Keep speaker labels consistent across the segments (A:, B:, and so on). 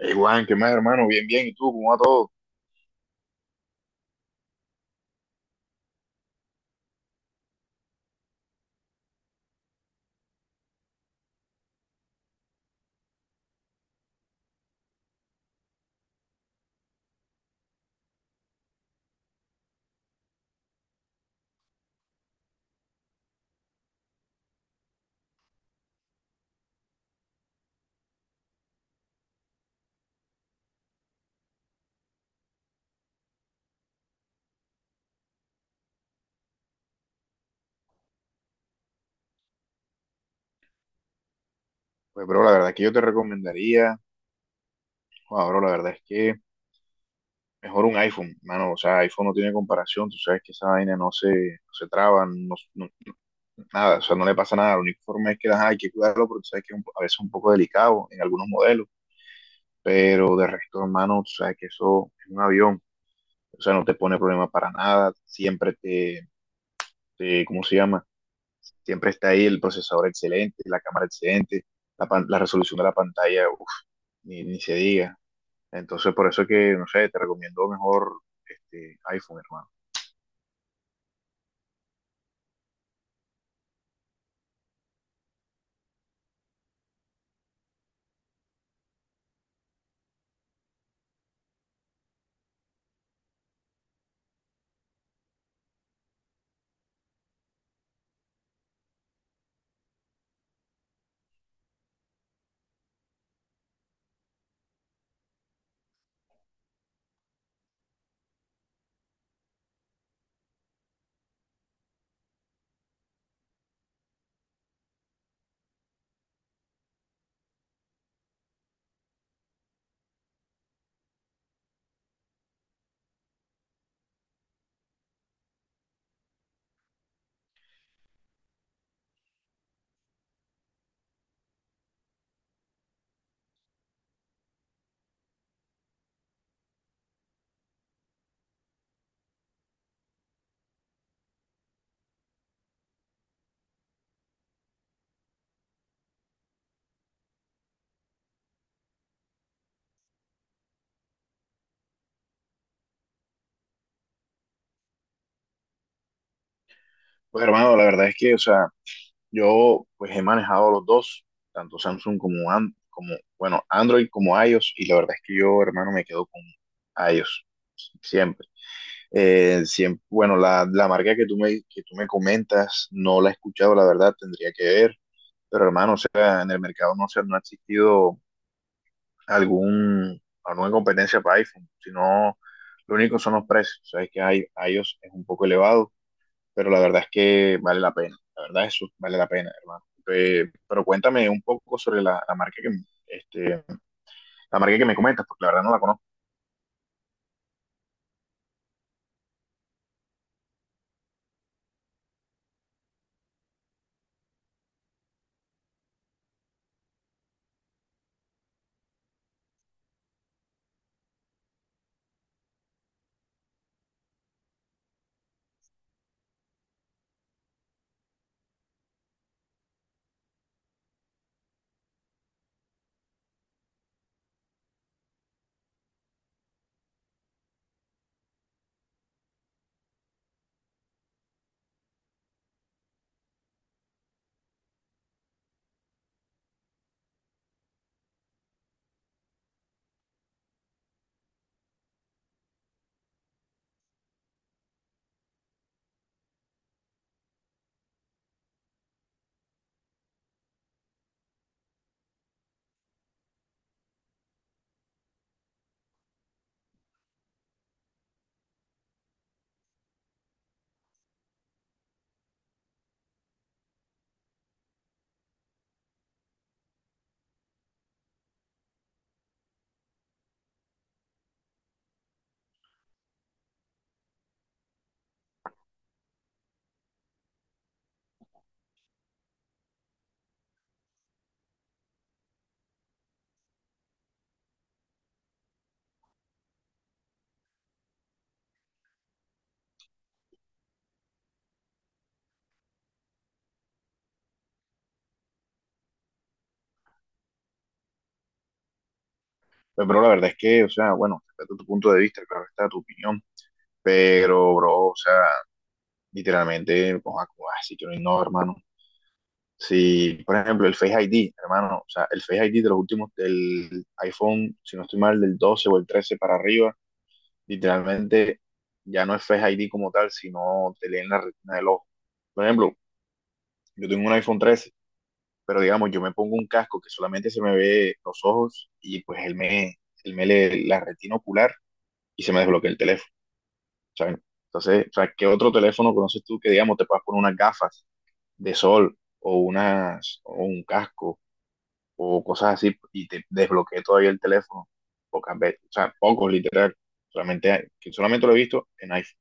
A: Igual, Juan, ¿qué más, hermano? Bien, bien. ¿Y tú? ¿Cómo va todo? Pues, bro, la verdad es que yo te recomendaría, joder, bro, la verdad es que mejor un iPhone, mano. O sea, iPhone no tiene comparación. Tú sabes que esa vaina no se traba, nada. O sea, no le pasa nada. La única forma es que ajá, hay que cuidarlo porque tú sabes que es a veces es un poco delicado en algunos modelos. Pero de resto, hermano, tú sabes que eso es un avión. O sea, no te pone problema para nada. Siempre te ¿cómo se llama? Siempre está ahí el procesador excelente, la cámara excelente, la, la resolución de la pantalla, uf, ni se diga. Entonces, por eso es que, no sé, te recomiendo mejor este iPhone, hermano. Pues, hermano, la verdad es que, o sea, yo pues he manejado los dos, tanto Samsung como, como bueno, Android como iOS, y la verdad es que yo, hermano, me quedo con iOS, siempre. Siempre, bueno, la marca que tú me comentas no la he escuchado, la verdad, tendría que ver. Pero hermano, o sea, en el mercado no ha existido alguna competencia para iPhone, sino lo único son los precios. Sabes que hay, iOS es un poco elevado, pero la verdad es que vale la pena. La verdad eso vale la pena, hermano. Pero cuéntame un poco sobre la marca que, este, la marca que me comentas, porque la verdad no la conozco. Pero, bro, la verdad es que, o sea, bueno, respeto tu punto de vista, claro está tu opinión, pero, bro, o sea, literalmente, pues, así que no, hermano. Si, por ejemplo, el Face ID, hermano, o sea, el Face ID de los últimos del iPhone, si no estoy mal, del 12 o el 13 para arriba, literalmente ya no es Face ID como tal, sino te leen la retina del ojo. Por ejemplo, yo tengo un iPhone 13, pero digamos, yo me pongo un casco que solamente se me ve los ojos y pues él me lee la retina ocular y se me desbloquea el teléfono, ¿saben? Entonces, o sea, ¿qué otro teléfono conoces tú que, digamos, te puedas poner unas gafas de sol o, unas, o un casco o cosas así, y te desbloqueé todavía el teléfono, pocas veces, o sea, pocos literal, que solamente lo he visto en iPhone.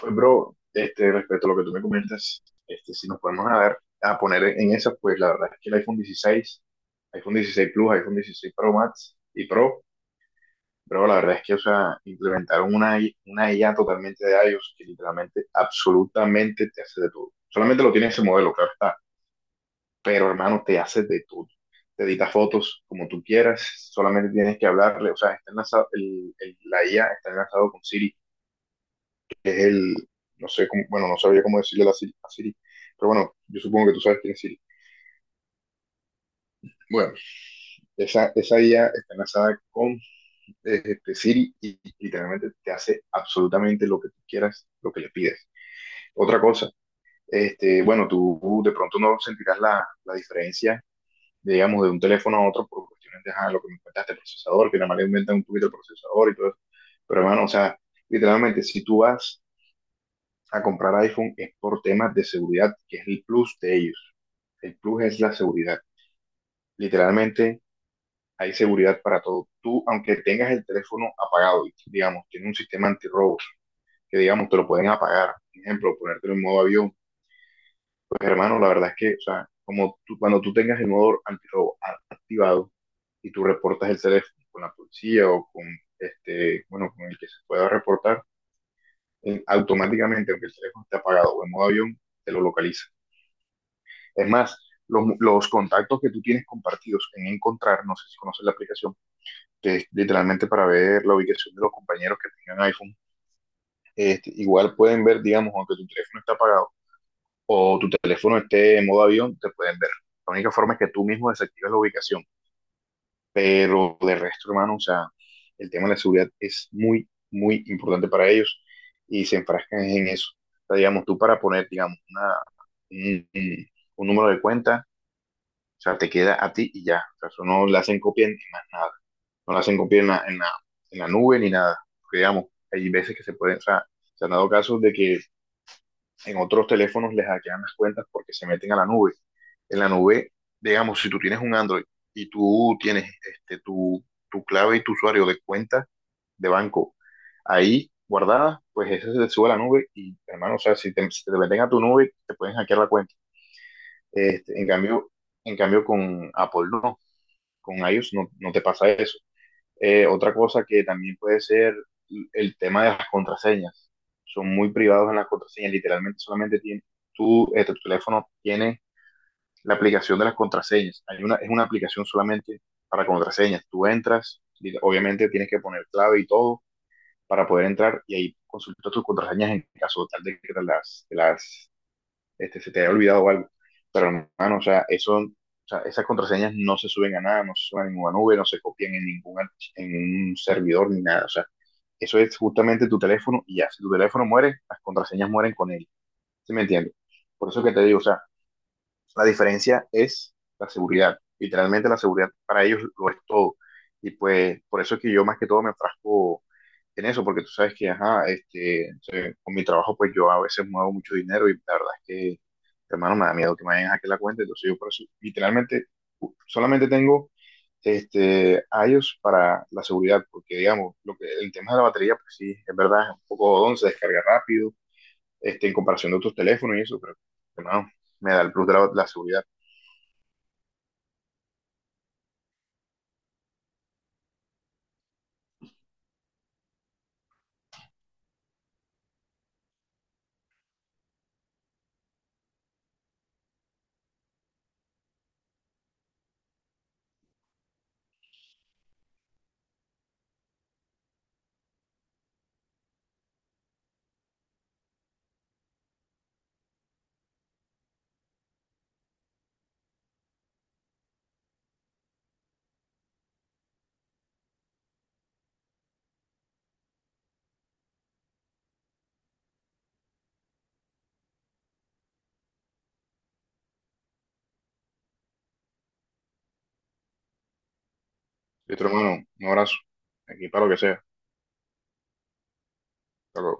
A: Pues, bro, respecto a lo que tú me comentas, si nos podemos a ver, a poner en esas, pues la verdad es que el iPhone 16, iPhone 16 Plus, iPhone 16 Pro Max y Pro, pero la verdad es que, o sea, implementaron una, una IA totalmente de iOS que literalmente, absolutamente te hace de todo. Solamente lo tiene ese modelo, claro está, pero hermano, te haces de todo. Te editas fotos como tú quieras, solamente tienes que hablarle, o sea, está enlazado, la IA está enlazado con Siri, que es el, no sé cómo, bueno, no sabría cómo decirle la Siri, a Siri, pero bueno, yo supongo que tú sabes quién es Siri. Bueno, esa IA está enlazada con Siri y literalmente te hace absolutamente lo que tú quieras, lo que le pides. Otra cosa, bueno, tú de pronto no sentirás la diferencia, digamos, de un teléfono a otro por cuestiones de ajá, lo que me cuentaste, el procesador, que nada más le inventan un poquito el procesador y todo eso. Pero hermano, o sea, literalmente, si tú vas a comprar iPhone es por temas de seguridad, que es el plus de ellos. El plus es la seguridad. Literalmente, hay seguridad para todo. Tú, aunque tengas el teléfono apagado, y, digamos, tiene un sistema antirrobo, que digamos, te lo pueden apagar. Por ejemplo, ponértelo en modo avión. Pues hermano, la verdad es que, o sea, como cuando tú tengas el modo antirrobo activado y tú reportas el teléfono con la policía o con bueno, con el que se pueda reportar, automáticamente, aunque el teléfono esté apagado o en modo avión, te lo localiza. Es más, los, los contactos que tú tienes compartidos en Encontrar, no sé si conoces la aplicación, que es literalmente para ver la ubicación de los compañeros que tengan iPhone, igual pueden ver, digamos, aunque tu teléfono está apagado o tu teléfono esté en modo avión, te pueden ver. La única forma es que tú mismo desactives la ubicación. Pero de resto, hermano, o sea, el tema de la seguridad es muy, muy importante para ellos y se enfrascan en eso. O sea, digamos, tú para poner, digamos, una, un un número de cuenta, o sea, te queda a ti y ya. O sea, eso no le hacen copia ni más nada. No le hacen copia en en la nube ni nada. Porque, digamos, hay veces que se pueden, o sea, se han dado casos de que en otros teléfonos les hackean las cuentas porque se meten a la nube. En la nube, digamos, si tú tienes un Android y tú tienes tu, tu clave y tu usuario de cuenta de banco ahí guardada, pues ese se te sube a la nube y, hermano, o sea, si te meten a tu nube, te pueden hackear la cuenta. Este, en cambio, en cambio, con Apple no, con iOS no, no te pasa eso. Otra cosa que también puede ser el tema de las contraseñas. Son muy privados en las contraseñas, literalmente solamente tiene, tu teléfono tiene la aplicación de las contraseñas. Hay una, es una aplicación solamente para contraseñas. Tú entras, y obviamente tienes que poner clave y todo para poder entrar y ahí consultas tus contraseñas en caso tal de que te las se te haya olvidado algo. Pero hermano, o sea, eso, o sea, esas contraseñas no se suben a nada, no se suben a ninguna nube, no se copian en en un servidor ni nada. O sea, eso es justamente tu teléfono y ya, si tu teléfono muere, las contraseñas mueren con él. ¿Sí me entiendes? Por eso que te digo, o sea, la diferencia es la seguridad. Literalmente la seguridad para ellos lo es todo. Y pues por eso es que yo más que todo me enfrasco en eso, porque tú sabes que, ajá, con mi trabajo pues yo a veces muevo mucho dinero y la verdad es que, hermano, me da miedo que me vayan a hackear la cuenta. Entonces yo por eso literalmente solamente tengo a ellos para la seguridad, porque digamos, lo que, el tema de la batería, pues sí, es verdad, es un poco don, se descarga rápido, en comparación de otros teléfonos y eso, pero hermano, me da el plus de la seguridad. Y otro hermano, un abrazo, aquí para lo que sea. Hasta luego.